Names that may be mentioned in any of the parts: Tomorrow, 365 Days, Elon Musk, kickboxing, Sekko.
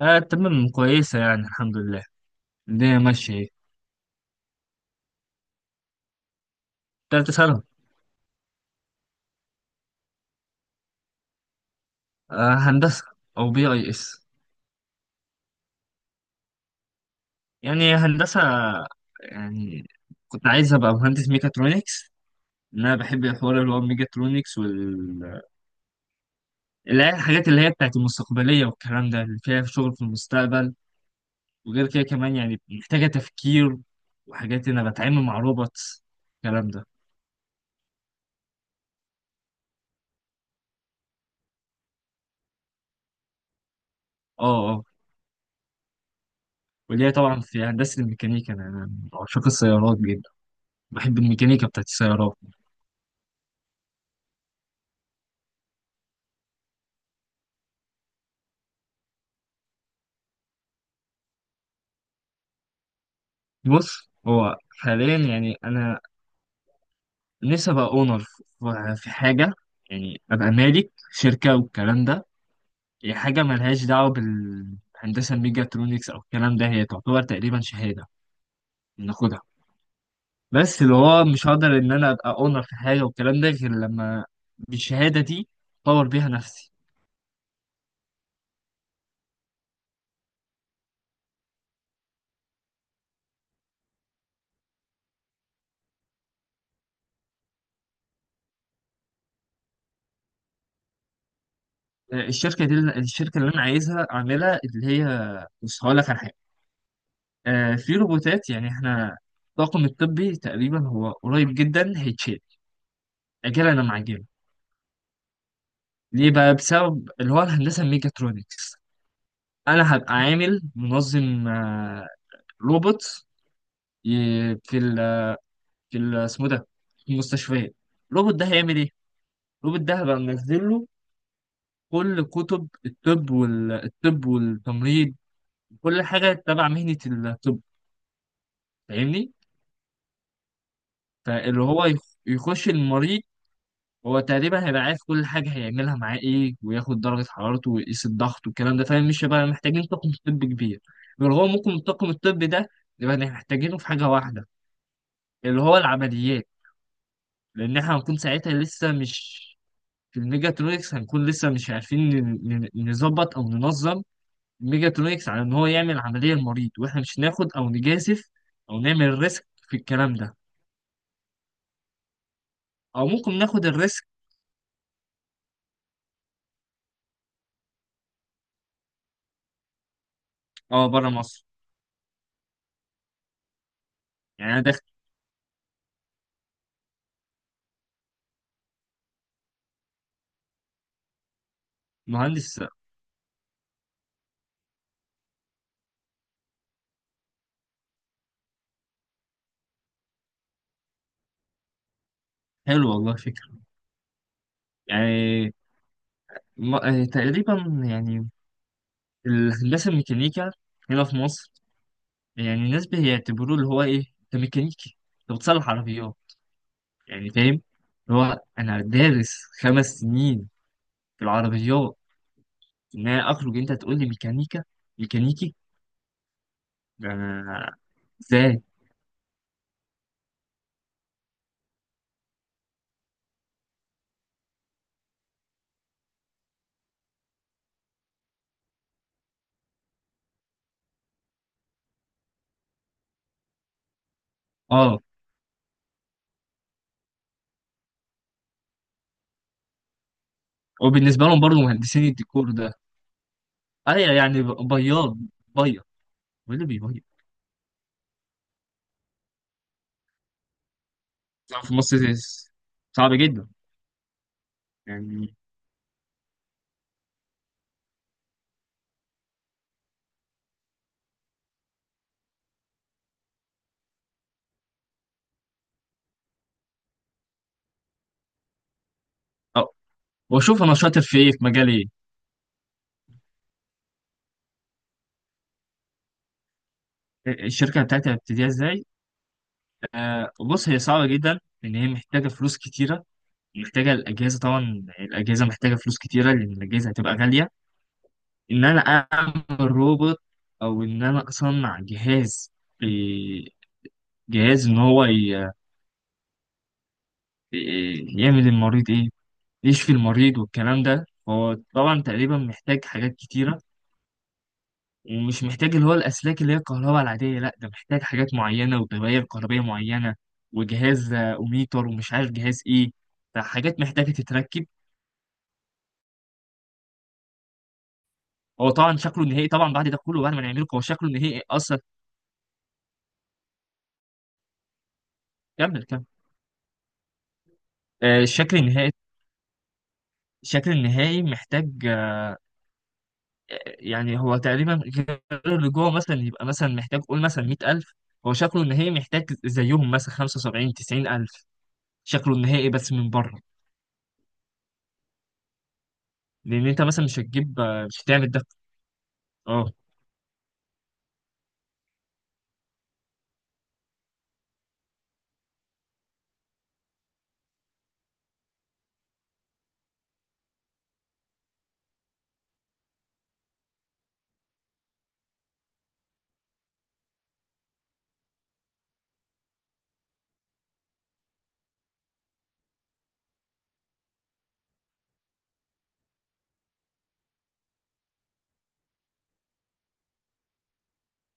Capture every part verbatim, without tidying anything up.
آه، تمام كويسة يعني الحمد لله. الدنيا ماشية ايه. تالتة سنة. آه هندسة. أو بي أي إس. يعني هندسة يعني كنت عايز أبقى مهندس ميكاترونكس. إن أنا بحب الحوار اللي هو الميكاترونكس وال اللي هي الحاجات اللي هي بتاعت المستقبلية والكلام ده اللي فيها شغل في المستقبل. وغير كده كمان يعني محتاجة تفكير وحاجات إن أنا بتعامل مع روبوتس الكلام ده. اه اه. واللي هي طبعا في هندسة الميكانيكا أنا أنا من عشاق السيارات جدا. بحب الميكانيكا بتاعت السيارات. بص هو حاليا يعني انا نفسي ابقى اونر في حاجه، يعني ابقى مالك شركه والكلام ده. هي حاجه ملهاش دعوه بالهندسه الميجاترونكس او الكلام ده، هي تعتبر تقريبا شهاده بناخدها. بس اللي هو مش هقدر ان انا ابقى اونر في حاجه والكلام ده غير لما بالشهاده دي اطور بيها نفسي. آه، الشركه دي، الشركه اللي انا عايزها اعملها اللي هي، بص هقول لك على حاجه. آه، في روبوتات، يعني احنا الطاقم الطبي تقريبا هو قريب جدا هيتشال. اجل انا معجبه. ليه بقى؟ بسبب اللي هو الهندسه الميكاترونكس. انا هبقى عامل منظم، آه، روبوت ي- في ال في ال- اسمه ده، في المستشفيات. الروبوت ده هيعمل ايه؟ الروبوت ده هبقى منزل له كل كتب الطب والطب والتمريض، كل حاجه تبع مهنه الطب. فاهمني؟ فاللي هو يخ- يخش المريض، هو تقريبا هيبقى عارف كل حاجة هيعملها معاه ايه، وياخد درجة حرارته ويقيس الضغط والكلام ده، فاهم؟ مش هيبقى محتاجين طاقم طبي كبير. غير هو ممكن الطاقم الطبي ده نبقى محتاجينه في حاجة واحدة اللي هو العمليات، لأن احنا هنكون ساعتها لسه مش، في الميجاترونكس هنكون لسه مش عارفين ن- ن- نظبط أو ننظم الميجاترونكس على إن هو يعمل عملية لمريض، واحنا مش ناخد أو نجازف أو نعمل ريسك في الكلام ده. أو ممكن ناخد الريسك. اه بره مصر. يعني أنا داخل مهندس. حلو والله فكرة. يعني ما- آه، تقريبا يعني الهندسة الميكانيكا هنا في مصر، يعني الناس بيعتبروه اللي هو إيه، أنت ميكانيكي، أنت بتصلح عربيات. يعني فاهم؟ اللي هو أنا دارس خمس سنين في العربيات، إن أنا أخرج أنت تقول لي ميكانيكا، ميكانيكي، ده أنا إزاي؟ أه. وبالنسبة لهم برضه مهندسين الديكور ده، أيوة يعني ب- بياض بياض، هو اللي بيبيض في مصر. صعب جدا يعني. أه وأشوف أنا شاطر في إيه، في مجال إيه. الشركة بتاعتي هبتديها ازاي؟ آه بص، هي صعبة جدا لأن هي محتاجة فلوس كتيرة. محتاجة الأجهزة، طبعا الأجهزة محتاجة فلوس كتيرة لأن الأجهزة هتبقى غالية. إن أنا أعمل روبوت، أو إن أنا أصنع جهاز، ب- جهاز إن هو ي- آه، يعمل المريض إيه؟ يشفي المريض والكلام ده. هو طبعا تقريبا محتاج حاجات كتيرة، ومش محتاج اللي هو الأسلاك اللي هي الكهرباء العادية، لأ ده محتاج حاجات معينة ودوائر كهربية معينة، وجهاز آه، أوميتر ومش عارف جهاز إيه. فحاجات محتاجة تتركب. هو طبعا شكله النهائي، طبعا بعد ده كله بعد ما نعمله هو شكله النهائي أصلا. كمل كمل. آه، الشكل النهائي، الشكل النهائي محتاج، آه، يعني هو تقريبا غير اللي جوه مثلا، يبقى مثلا محتاج قول مثلا مية ألف. هو شكله النهائي محتاج زيهم مثلا خمسة وسبعين تسعين ألف، شكله النهائي بس من بره. لأن أنت مثلا مش هتجيب آه، مش هتعمل ده. اه.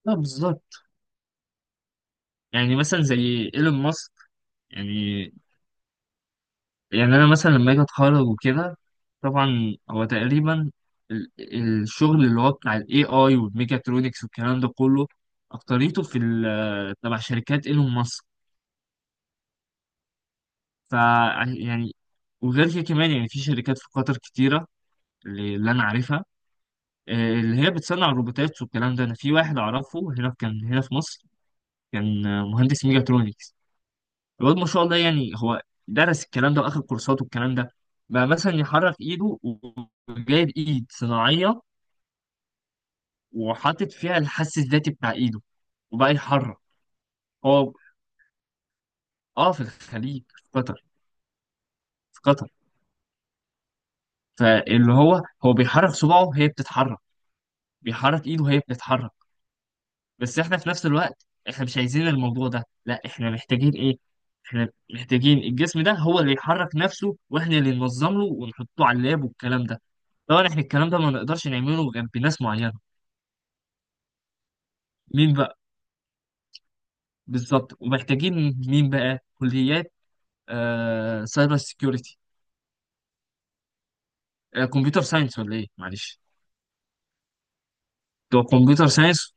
لا بالظبط. يعني مثلا زي ايلون ماسك. يعني يعني انا مثلا لما اجي اتخرج وكده، طبعا هو تقريبا ال- الشغل اللي هو بتاع الاي اي والميكاترونكس والكلام ده كله، اكتريته في ال تبع شركات ايلون ماسك. ف يعني. وغير كده كمان يعني في شركات في قطر كتيرة، اللي اللي انا عارفها، آه، اللي هي بتصنع الروبوتات والكلام ده. انا في واحد اعرفه هنا في، كان هنا في مصر. كان آه، مهندس ميكاترونكس. الواد ما شاء الله يعني هو درس الكلام ده واخد كورسات والكلام ده، بقى مثلا يحرك ايده، وجايب ايد صناعيه وحاطط فيها الحس الذاتي بتاع ايده، وبقى يحرك. هو اه في الخليج في قطر. في قطر. فاللي هو هو بيحرك صباعه هي بتتحرك، بيحرك ايده هي بتتحرك. بس احنا في نفس الوقت احنا مش عايزين الموضوع ده، لا احنا محتاجين ايه، احنا محتاجين الجسم ده هو اللي يحرك نفسه، واحنا اللي ننظم له ونحطه على اللاب والكلام ده. طبعا احنا الكلام ده ما نقدرش نعمله غير بناس معينة. مين بقى؟ بالظبط ومحتاجين، مين بقى؟ كليات آه سايبر سيكيورتي، آه كمبيوتر ساينس ولا ايه، معلش. بتوع كمبيوتر ساينس.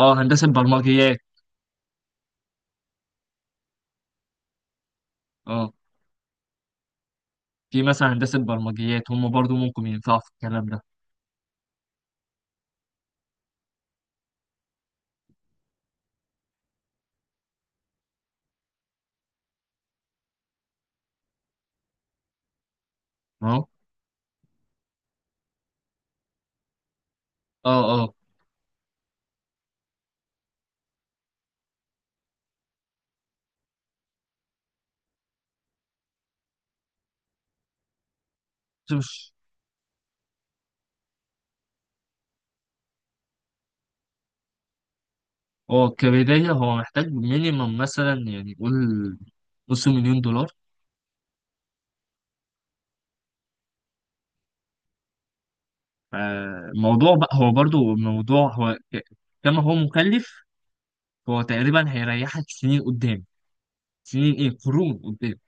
اه هندسة برمجيات. اه، في مثلا هندسة برمجيات هم برضو ممكن ينفعوا في الكلام ده. اه اه اه. مش- هو كبداية هو محتاج مينيمم مثلا، يعني قول نص مليون دولار. فالموضوع بقى هو برضو الموضوع هو ك- كما هو مكلف، هو تقريبا هيريحك سنين قدام، سنين ايه، قرون قدام.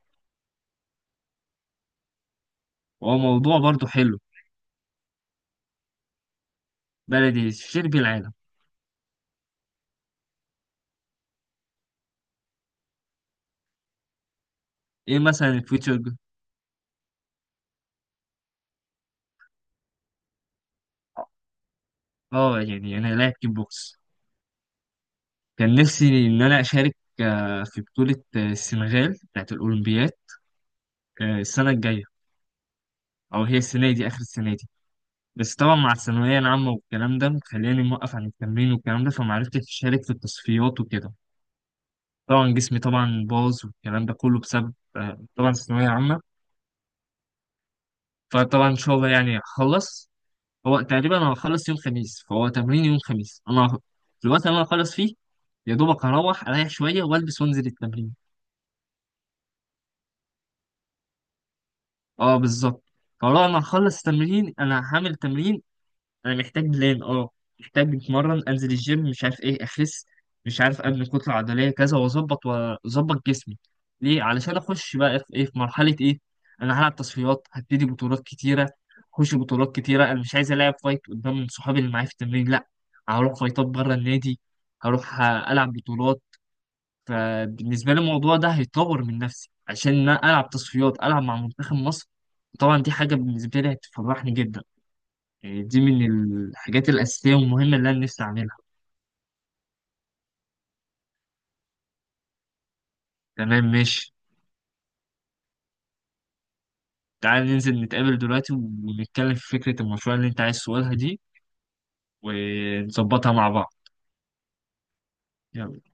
هو موضوع برضو حلو. بلدي شرب العالم. ايه مثلا الفيتشر جو- اه يعني انا لاعب كيك بوكس. كان نفسي ان انا اشارك آه، في بطولة آه، السنغال بتاعت الاولمبياد، آه، السنة الجاية، او هي السنة دي، اخر السنة دي. بس طبعا مع الثانوية العامة والكلام ده خلاني موقف عن التمرين والكلام ده، فمعرفتش أشارك في التصفيات وكده. طبعا جسمي طبعا باظ والكلام ده كله بسبب، آه، طبعا الثانوية عامة. فطبعا إن شاء الله يعني هخلص. هو تقريبا أنا هخلص يوم خميس، فهو تمرين يوم خميس أنا ه- في الوقت اللي أنا هخلص فيه، يا دوبك هروح أريح شوية وألبس وأنزل التمرين. أه بالظبط. فلو أنا هخلص التمرين أنا هعمل تمرين. انا محتاج بلان اه، محتاج اتمرن انزل الجيم مش عارف ايه، اخس، مش عارف ابني كتله عضليه كذا، واظبط واظبط جسمي. ليه؟ علشان اخش بقى في ايه، في مرحله ايه. انا هلعب تصفيات، هبتدي بطولات كتيره، اخش بطولات كتيره. انا مش عايز العب فايت قدام صحابي اللي معايا في التمرين، لا، هروح فايتات بره النادي، هروح العب بطولات. فبالنسبه لي الموضوع ده هيطور من نفسي عشان انا العب تصفيات العب مع منتخب مصر، طبعا دي حاجه بالنسبه لي هتفرحني جدا. يعني دي من الحاجات الأساسية والمهمة اللي أنا نفسي أعملها. تمام ماشي. تعال ننزل نتقابل دلوقتي ونتكلم في فكرة المشروع اللي أنت عايز تقولها دي، ونظبطها مع بعض. يلا.